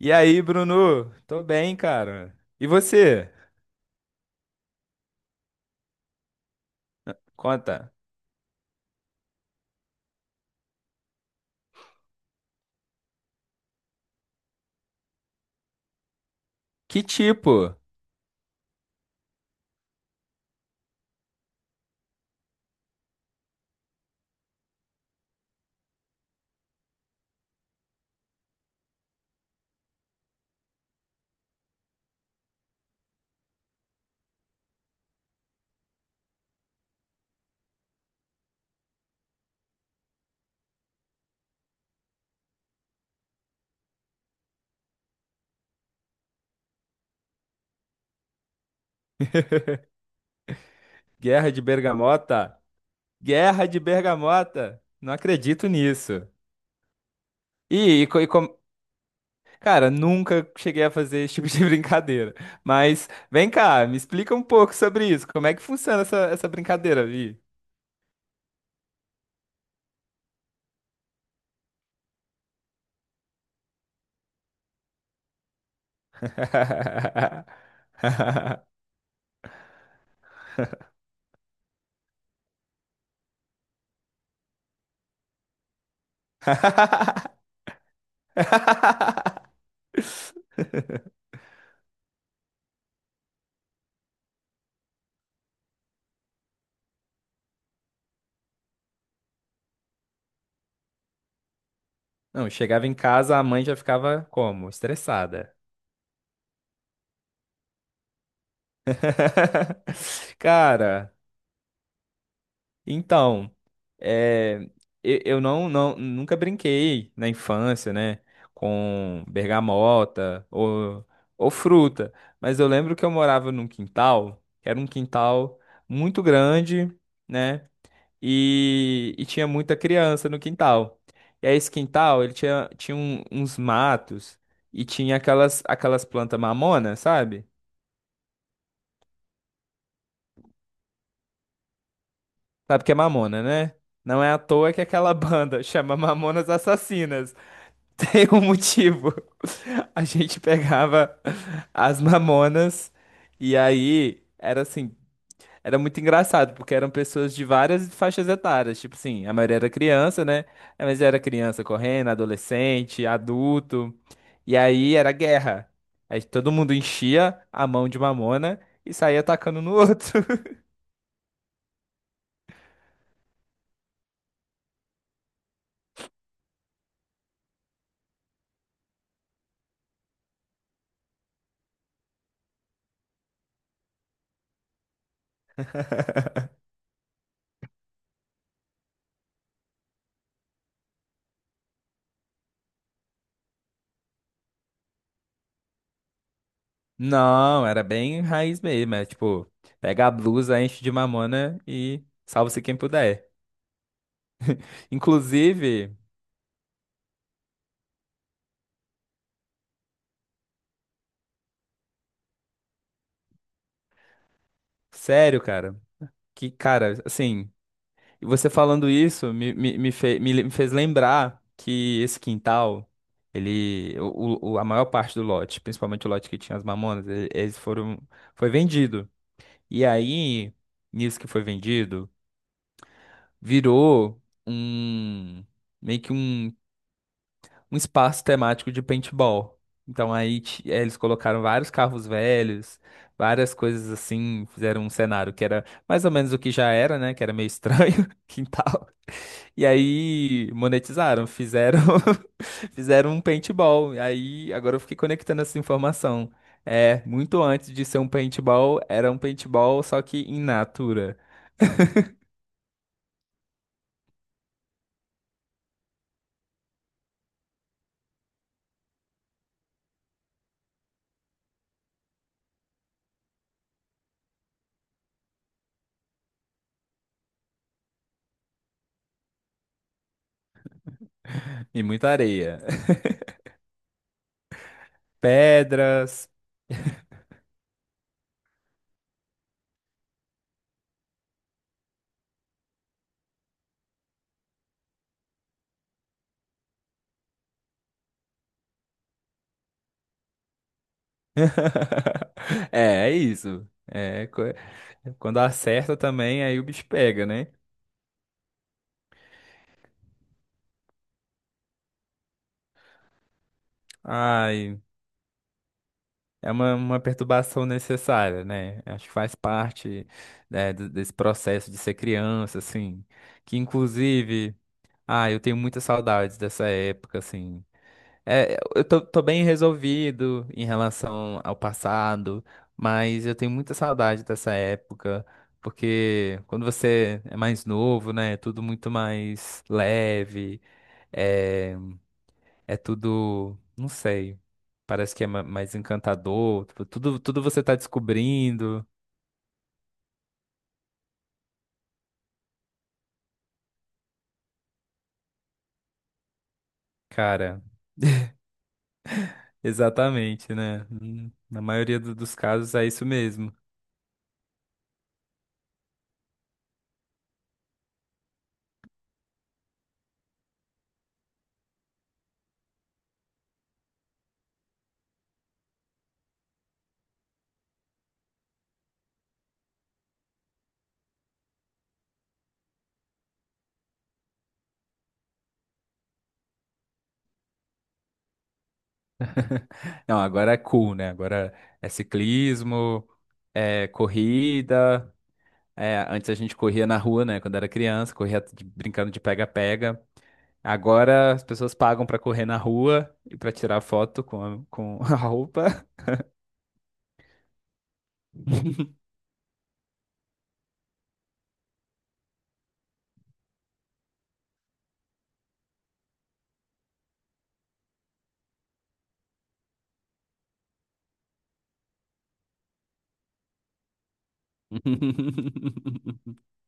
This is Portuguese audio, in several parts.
E aí, Bruno? Tô bem, cara. E você? Conta. Que tipo? Guerra de Bergamota? Guerra de Bergamota? Não acredito nisso. E, e, co- e como- Cara, nunca cheguei a fazer esse tipo de brincadeira. Mas vem cá, me explica um pouco sobre isso. Como é que funciona essa, essa brincadeira, Vi? Não, chegava em casa, a mãe já ficava como? Estressada. Cara. Então, é, eu não, não, nunca brinquei na infância, né, com bergamota ou fruta, mas eu lembro que eu morava num quintal, que era um quintal muito grande, né, e tinha muita criança no quintal. E aí esse quintal, ele tinha, uns matos e tinha aquelas, aquelas plantas mamona, sabe? Sabe o que é mamona, né? Não é à toa que aquela banda chama Mamonas Assassinas. Tem um motivo. A gente pegava as mamonas e aí era assim, era muito engraçado, porque eram pessoas de várias faixas etárias, tipo assim, a maioria era criança, né? É, mas era criança correndo, adolescente, adulto. E aí era guerra. Aí todo mundo enchia a mão de mamona e saía atacando no outro. Não, era bem raiz mesmo, é tipo, pega a blusa, enche de mamona e salva-se quem puder. Inclusive, sério, cara, que, cara, assim, você falando isso me, me, me, fe- me le- me fez lembrar que esse quintal, ele, a maior parte do lote, principalmente o lote que tinha as mamonas, foi vendido. E aí, nisso que foi vendido, virou um, meio que um espaço temático de paintball. Então eles colocaram vários carros velhos, várias coisas assim, fizeram um cenário que era mais ou menos o que já era, né? Que era meio estranho, quintal. E aí monetizaram, fizeram fizeram um paintball. E aí agora eu fiquei conectando essa informação. É, muito antes de ser um paintball, era um paintball só que in natura e muita areia. Pedras, é, é isso. Quando acerta também, aí o bicho pega, né? Ai, é uma perturbação necessária, né? Acho que faz parte, né, desse processo de ser criança, assim. Que inclusive, ah, eu tenho muitas saudades dessa época, assim. É, tô bem resolvido em relação ao passado, mas eu tenho muita saudade dessa época, porque quando você é mais novo, né, é tudo muito mais leve, é, é tudo, não sei, parece que é mais encantador, tipo, tudo, tudo você tá descobrindo, cara, exatamente, né? Na maioria dos casos é isso mesmo. Não, agora é cool, né? Agora é ciclismo, é corrida. É, antes a gente corria na rua, né? Quando era criança, corria brincando de pega-pega. Agora as pessoas pagam pra correr na rua e pra tirar foto com a roupa.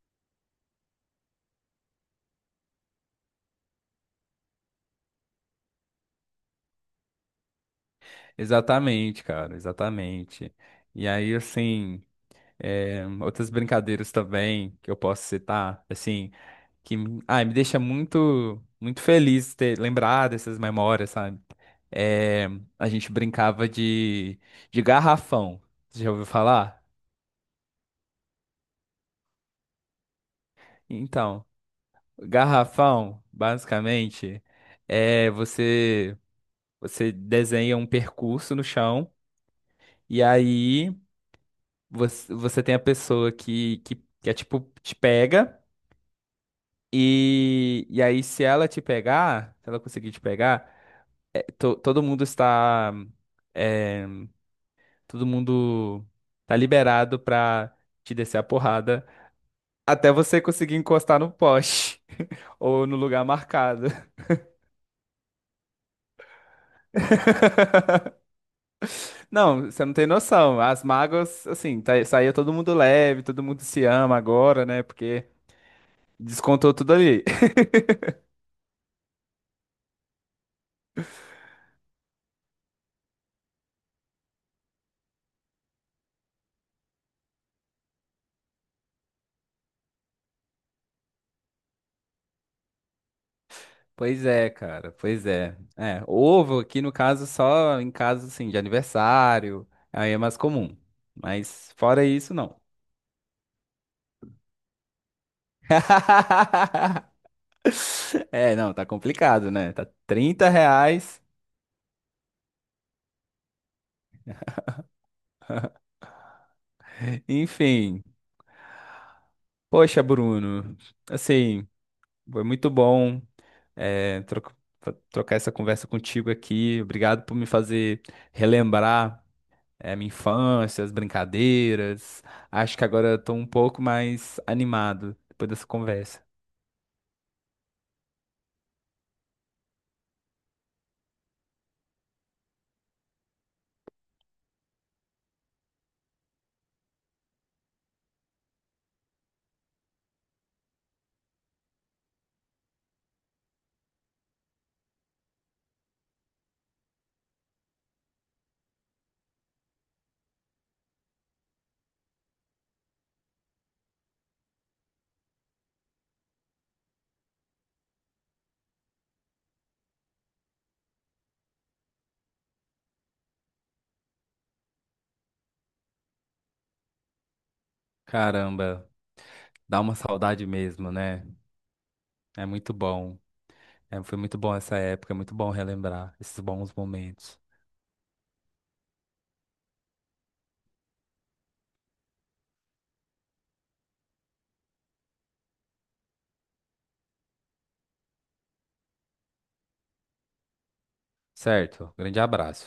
Exatamente, cara, exatamente. E aí, assim, é, outras brincadeiras também que eu posso citar, assim, que ai, me deixa muito muito feliz ter lembrado essas memórias, sabe? É, a gente brincava de garrafão. Você já ouviu falar? Então, garrafão, basicamente, é você desenha um percurso no chão e aí você, você tem a pessoa que é tipo te pega e aí se ela te pegar, se ela conseguir te pegar, é, é, todo mundo tá liberado pra te descer a porrada até você conseguir encostar no poste ou no lugar marcado. Não, você não tem noção. As mágoas, assim, tá, saía todo mundo leve, todo mundo se ama agora, né? Porque descontou tudo ali. Pois é, cara, pois é. É, ovo aqui no caso só em caso assim de aniversário, aí é mais comum. Mas fora isso, não. É, não, tá complicado, né? Tá R$ 30. Enfim. Poxa, Bruno. Assim, foi muito bom é, trocar essa conversa contigo aqui. Obrigado por me fazer relembrar é, minha infância, as brincadeiras. Acho que agora eu tô um pouco mais animado depois dessa conversa. Caramba, dá uma saudade mesmo, né? É muito bom. É, foi muito bom essa época, é muito bom relembrar esses bons momentos. Certo, grande abraço.